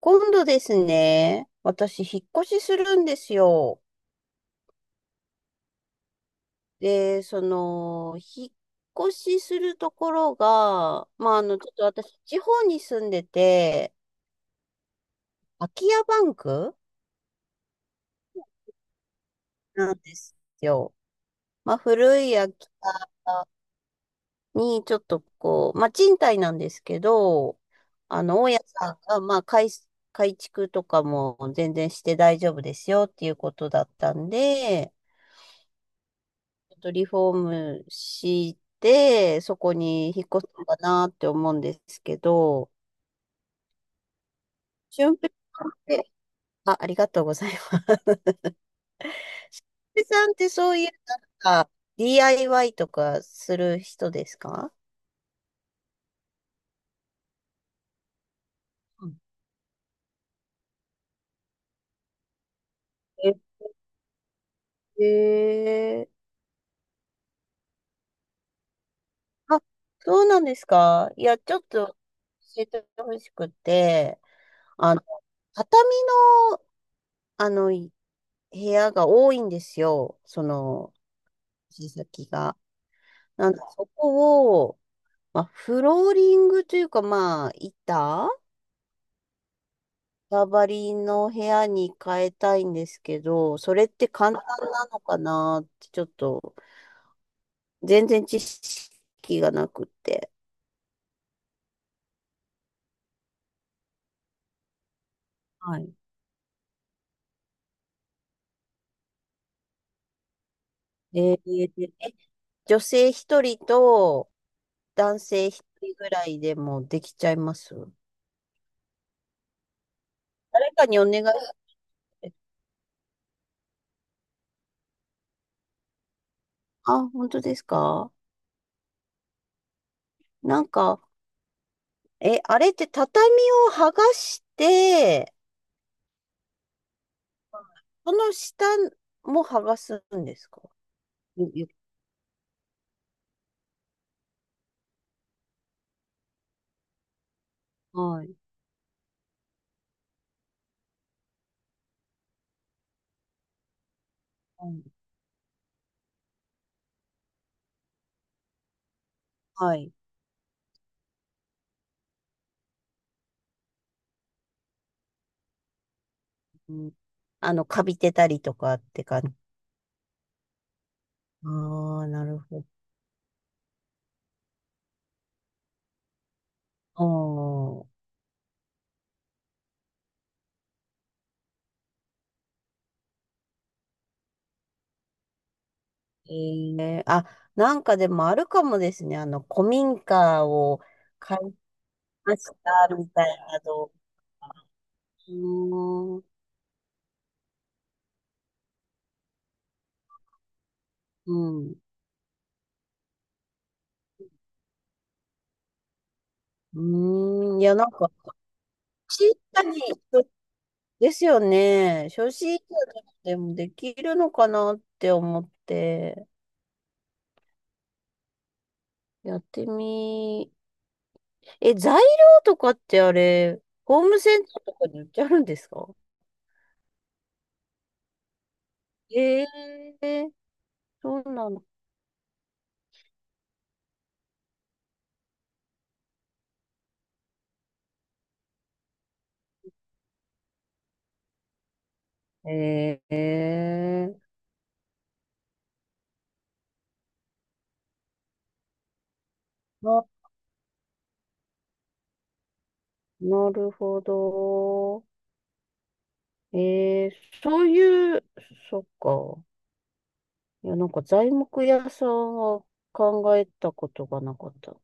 今度ですね、私、引っ越しするんですよ。で、引っ越しするところが、まあ、ちょっと私、地方に住んでて、空き家バンクなんですよ。まあ、古い空き家に、ちょっとこう、まあ、賃貸なんですけど、あの、大家さんが、まあ、改築とかも全然して大丈夫ですよっていうことだったんで、ちょっとリフォームして、そこに引っ越すのかなって思うんですけど、俊平さんって、あ、ありがとうございます。俊平さんってそういう、なんか、DIY とかする人ですか？うん。ええー。あ、そうなんですか？いや、ちょっと教えてほしくて、あの、畳の、あの、部屋が多いんですよ。その、先が。なんで、そこまあ、フローリングというか、まあ、板ババリの部屋に変えたいんですけど、それって簡単なのかなって、ちょっと、全然知識がなくて。はい。で女性一人と男性一人ぐらいでもできちゃいます？誰かにお願いして。あ、本当ですか？なんか、あれって畳を剥がして、その下も剥がすんですか？よ。はい。うん、はい。うん、あの、カビてたりとかって感じ。ああ、なるほど。うん。あ、なんかでもあるかもですね。あの、古民家を買いましたみたいな動画。うーん。うん。うーん。いや、なんか、小さに、ですよね。初心者でもできるのかなって思って、やってみえ、材料とかってあれ、ホームセンターとかに売ってあるんですか？ええ、そうなの。ええ、な、なるほど。ええ、そういう、そっか。いや、なんか材木屋さんは考えたことがなかった。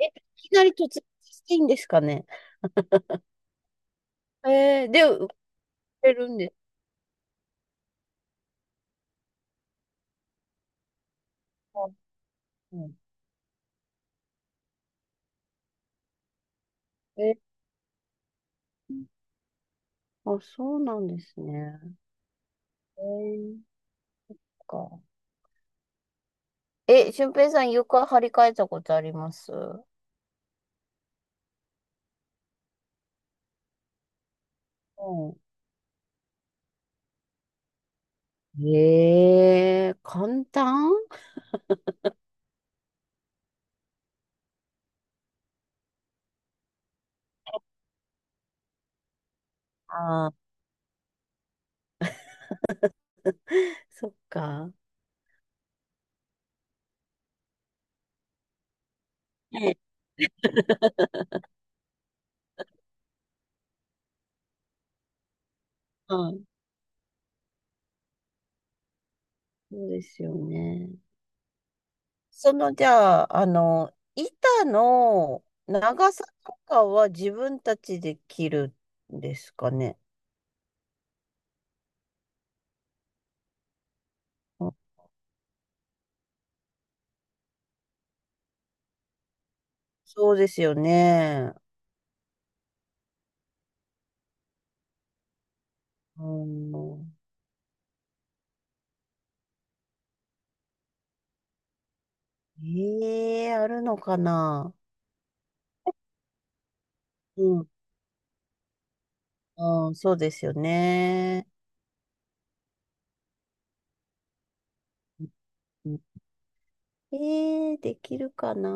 え、いきなり突然していいんですかね？ええ、で、売ってるんですか、うん、ええ、あ、そうなんですね。ええ、そっか。え、俊平さん床張り替えたことあります？うん。ええ、簡単。ああー、そっか。ね、はい。そうですよね。その、じゃあ、あの、板の長さとかは自分たちで切るんですかね。うん、そうですよね。うん。ええ、あるのかな？うん。うん、そうですよね。うん。えできるかな。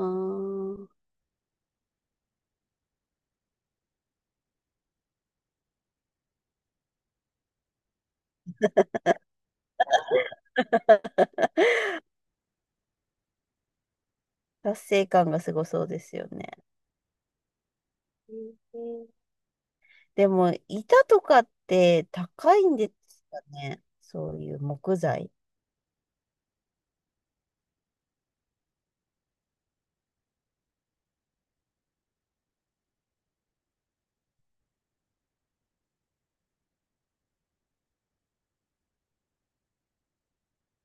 達成感がすごそうですよね。うん。でも、板とかって高いんですかね。そういう木材。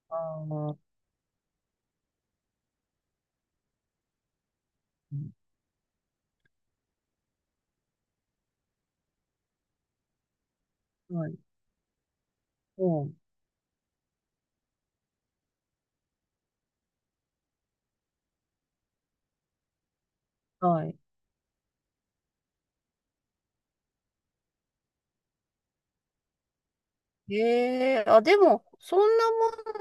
ああ、うん、はい。うん。はい。ええ、あ、でも、そんな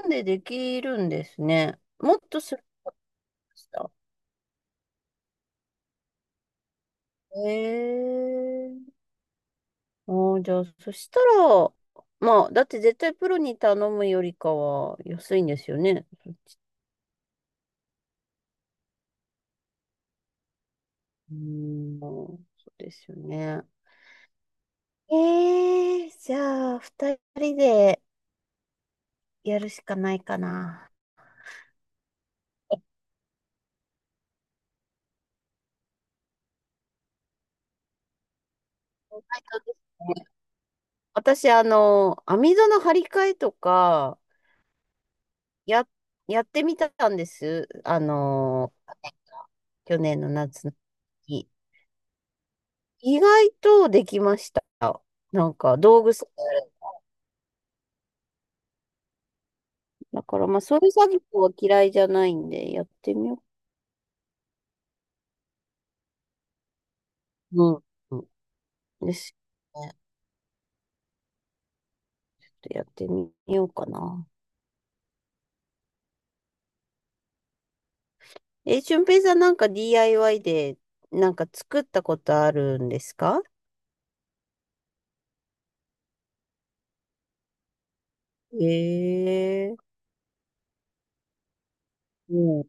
もんでできるんですね。もっとするかと思いました。ええ、ああ、じゃあ、そしたら、まあ、だって絶対プロに頼むよりかは安いんですよね。うん、そうですよね。えじゃあ、二人でやるしかないかな。そうですね。私、あの、網戸の張り替えとか、や、やってみたんです。あの、去年の夏の時。意外とできました。なんか、道具さえあればだから、まあ、そういう作業は嫌いじゃないんで、やってみよう。うん。うんですよね。ちょっとやってみようかな。え、俊平さんなんか DIY でなんか作ったことあるんですか？ええ。もう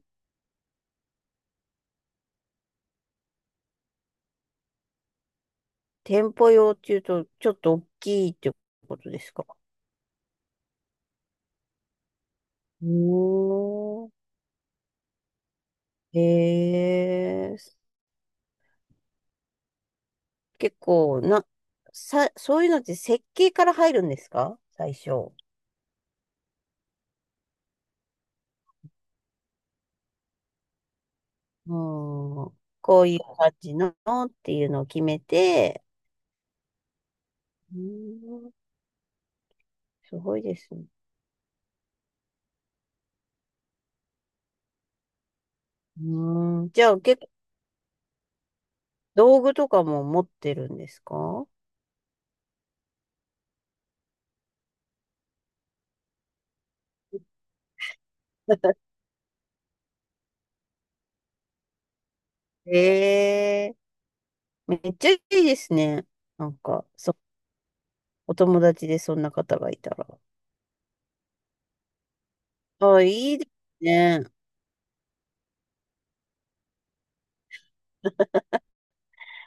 店舗用っていうとちょっと大きいってことですか？うーん。ええ、結構な、そういうのって設計から入るんですか、最初？うん。こういう感じのっていうのを決めて、うーん、すごいですね。うーん。じゃあ結構道具とかも持ってるんですか？ ええ、めっちゃいいですね。なんか、お友達でそんな方がいたら。あ、いいですね。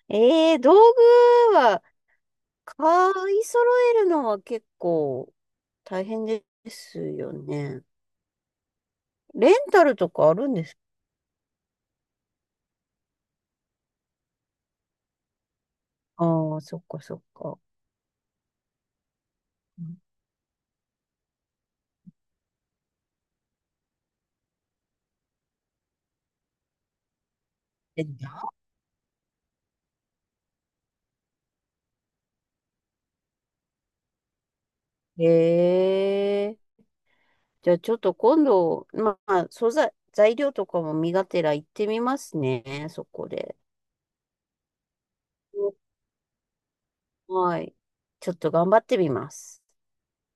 ええ、道具は買い揃えるのは結構大変ですよね。レンタルとかあるんですか？ああー、そっかそっか。うん。えへえ、じゃあちょっと今度、まあ、素材、材料とかも身がてら行ってみますね、そこで。はい。ちょっと頑張ってみます。